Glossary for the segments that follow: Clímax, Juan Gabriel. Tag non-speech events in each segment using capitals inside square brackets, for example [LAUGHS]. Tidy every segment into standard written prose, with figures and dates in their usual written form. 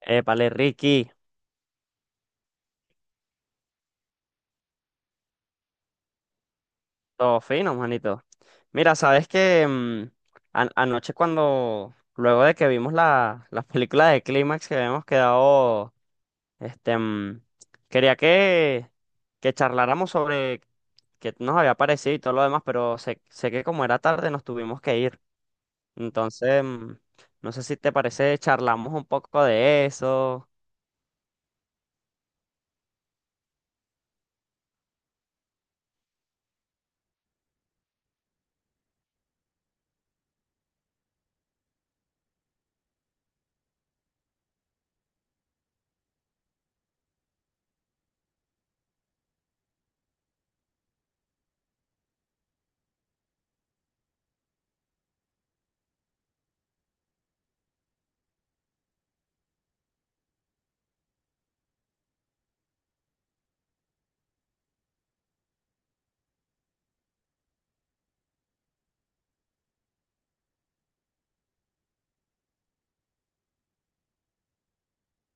Épale, Ricky, todo fino, manito. Mira, sabes que anoche cuando, luego de que vimos la película de Clímax que habíamos quedado, este, mm, quería que charláramos sobre qué nos había parecido y todo lo demás, pero sé que como era tarde nos tuvimos que ir. Entonces, no sé si te parece, charlamos un poco de eso.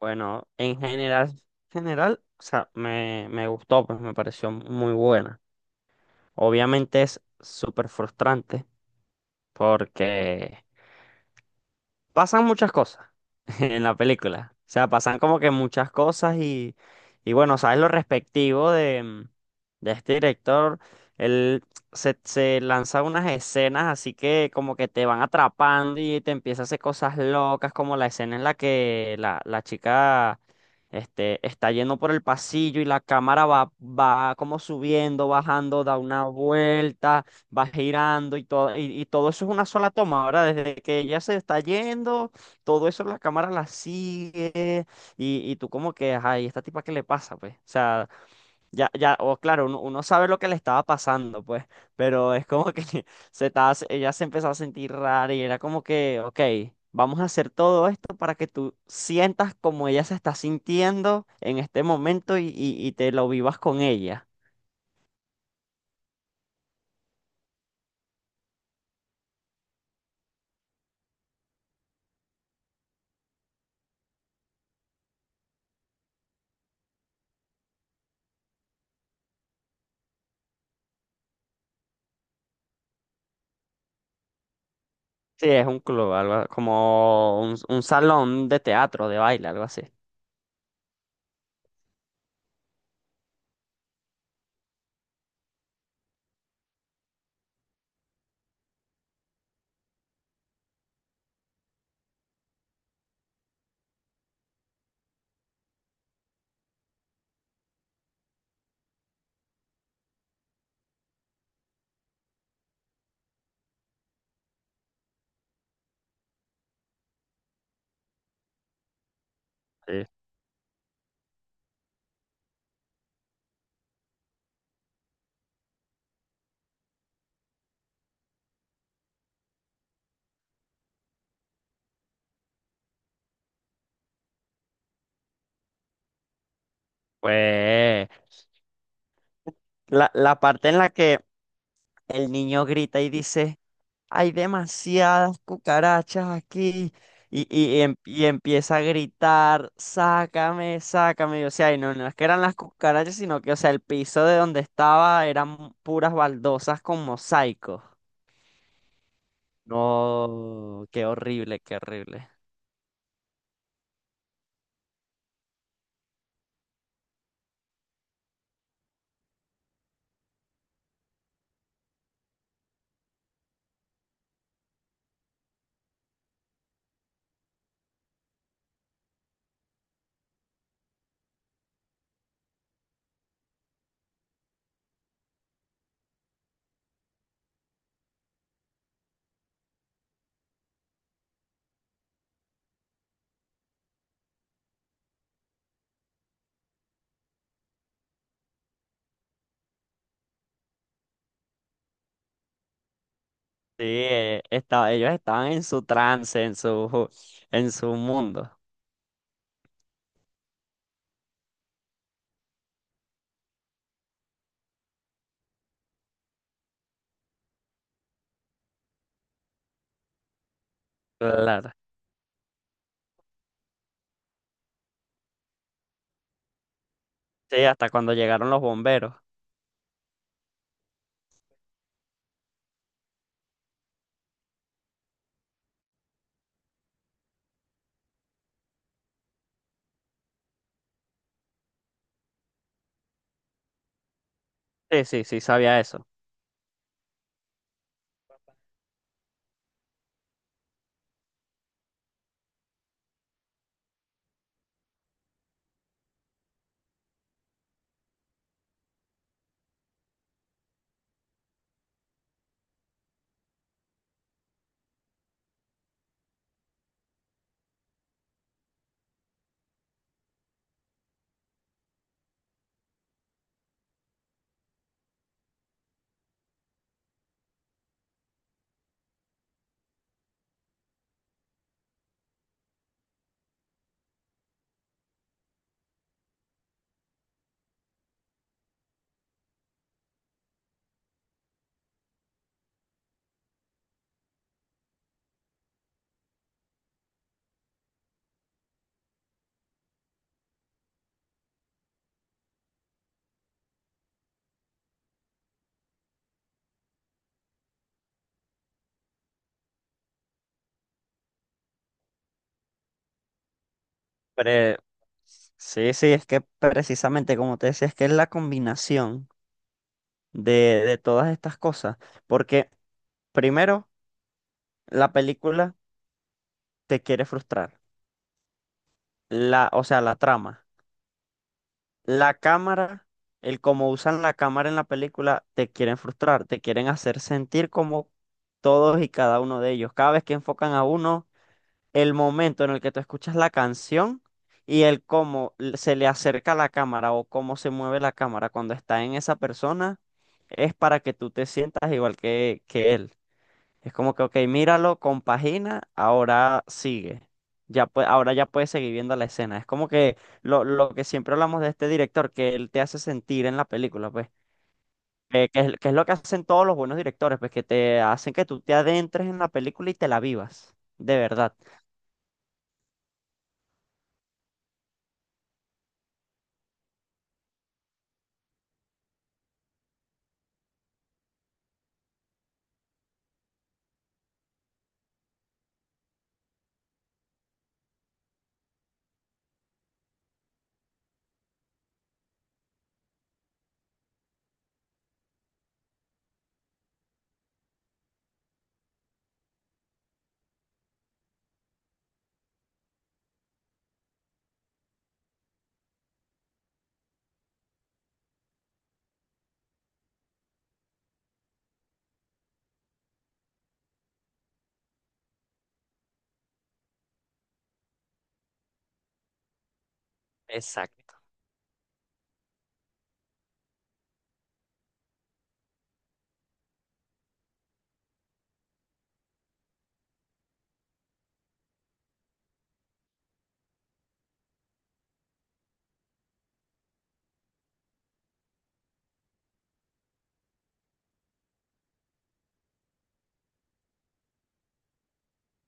Bueno, en general, general, o sea, me gustó, pues me pareció muy buena. Obviamente es súper frustrante porque pasan muchas cosas. [LAUGHS] En la película. O sea, pasan como que muchas cosas y bueno, sabes lo respectivo de, de este director. Él se lanza unas escenas así que como que te van atrapando y te empieza a hacer cosas locas, como la escena en la que la chica este, está yendo por el pasillo y la cámara va como subiendo, bajando, da una vuelta, va girando y todo eso es una sola toma, ¿verdad? Desde que ella se está yendo todo eso la cámara la sigue y tú como que, ay, ¿esta tipa qué le pasa, pues? O sea, ya, ya, o claro, uno sabe lo que le estaba pasando, pues, pero es como que [LAUGHS] se estaba, ella se empezó a sentir rara y era como que, ok, vamos a hacer todo esto para que tú sientas como ella se está sintiendo en este momento y te lo vivas con ella. Sí, es un club, algo como un salón de teatro, de baile, algo así. Sí. Pues la parte en la que el niño grita y dice, hay demasiadas cucarachas aquí. Y, y empieza a gritar, sácame, sácame. Y, o sea, y no, no es que eran las cucarachas, sino que, o sea, el piso de donde estaba eran puras baldosas con mosaicos. No, qué horrible, qué horrible. Sí, ellos estaban en su trance, en su mundo. Claro. Sí, hasta cuando llegaron los bomberos. Sí, sí, sí, sabía eso. Pre- Sí, sí, es que precisamente como te decía, es que es la combinación de, de todas estas cosas. Porque primero, la película te quiere frustrar. La, o sea, la trama. La cámara, el cómo usan la cámara en la película, te quieren frustrar, te quieren hacer sentir como todos y cada uno de ellos. Cada vez que enfocan a uno, el momento en el que tú escuchas la canción y el cómo se le acerca la cámara o cómo se mueve la cámara cuando está en esa persona, es para que tú te sientas igual que él. Es como que, ok, míralo, compagina, ahora sigue. Ahora ya puedes seguir viendo la escena. Es como que lo que siempre hablamos de este director, que él te hace sentir en la película, pues. Eh, que que es lo que hacen todos los buenos directores, pues que te hacen que tú te adentres en la película y te la vivas, de verdad. Exacto.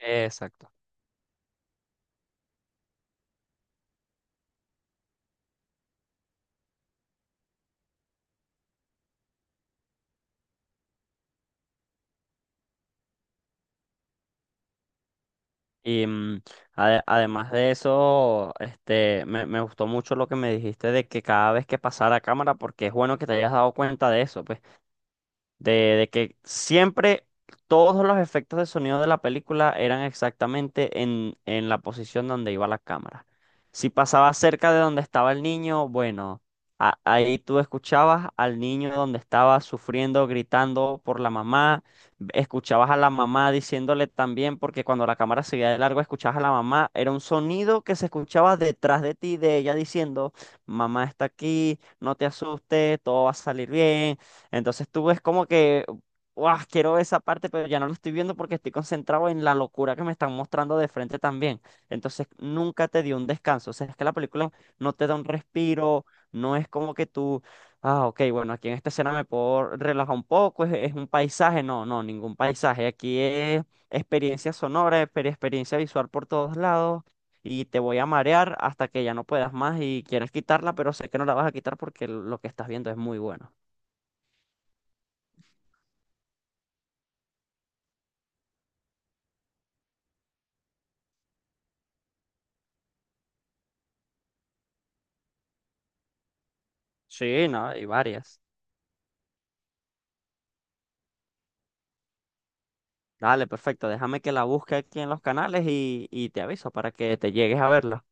Exacto. Y además de eso, este, me gustó mucho lo que me dijiste de que cada vez que pasara cámara, porque es bueno que te hayas dado cuenta de eso, pues. De que siempre todos los efectos de sonido de la película eran exactamente en la posición donde iba la cámara. Si pasaba cerca de donde estaba el niño, bueno, ahí tú escuchabas al niño donde estaba sufriendo, gritando por la mamá, escuchabas a la mamá diciéndole también, porque cuando la cámara seguía de largo, escuchabas a la mamá, era un sonido que se escuchaba detrás de ti, de ella diciendo, mamá está aquí, no te asustes, todo va a salir bien. Entonces tú ves como que, ¡guau! Quiero esa parte, pero ya no lo estoy viendo porque estoy concentrado en la locura que me están mostrando de frente también. Entonces nunca te dio un descanso. O sea, es que la película no te da un respiro, no es como que tú, ah, ok, bueno, aquí en esta escena me puedo relajar un poco, es un paisaje. No, no, ningún paisaje. Aquí es experiencia sonora, experiencia visual por todos lados. Y te voy a marear hasta que ya no puedas más y quieres quitarla, pero sé que no la vas a quitar porque lo que estás viendo es muy bueno. Sí, no, hay varias. Dale, perfecto. Déjame que la busque aquí en los canales y te aviso para que te llegues a verla.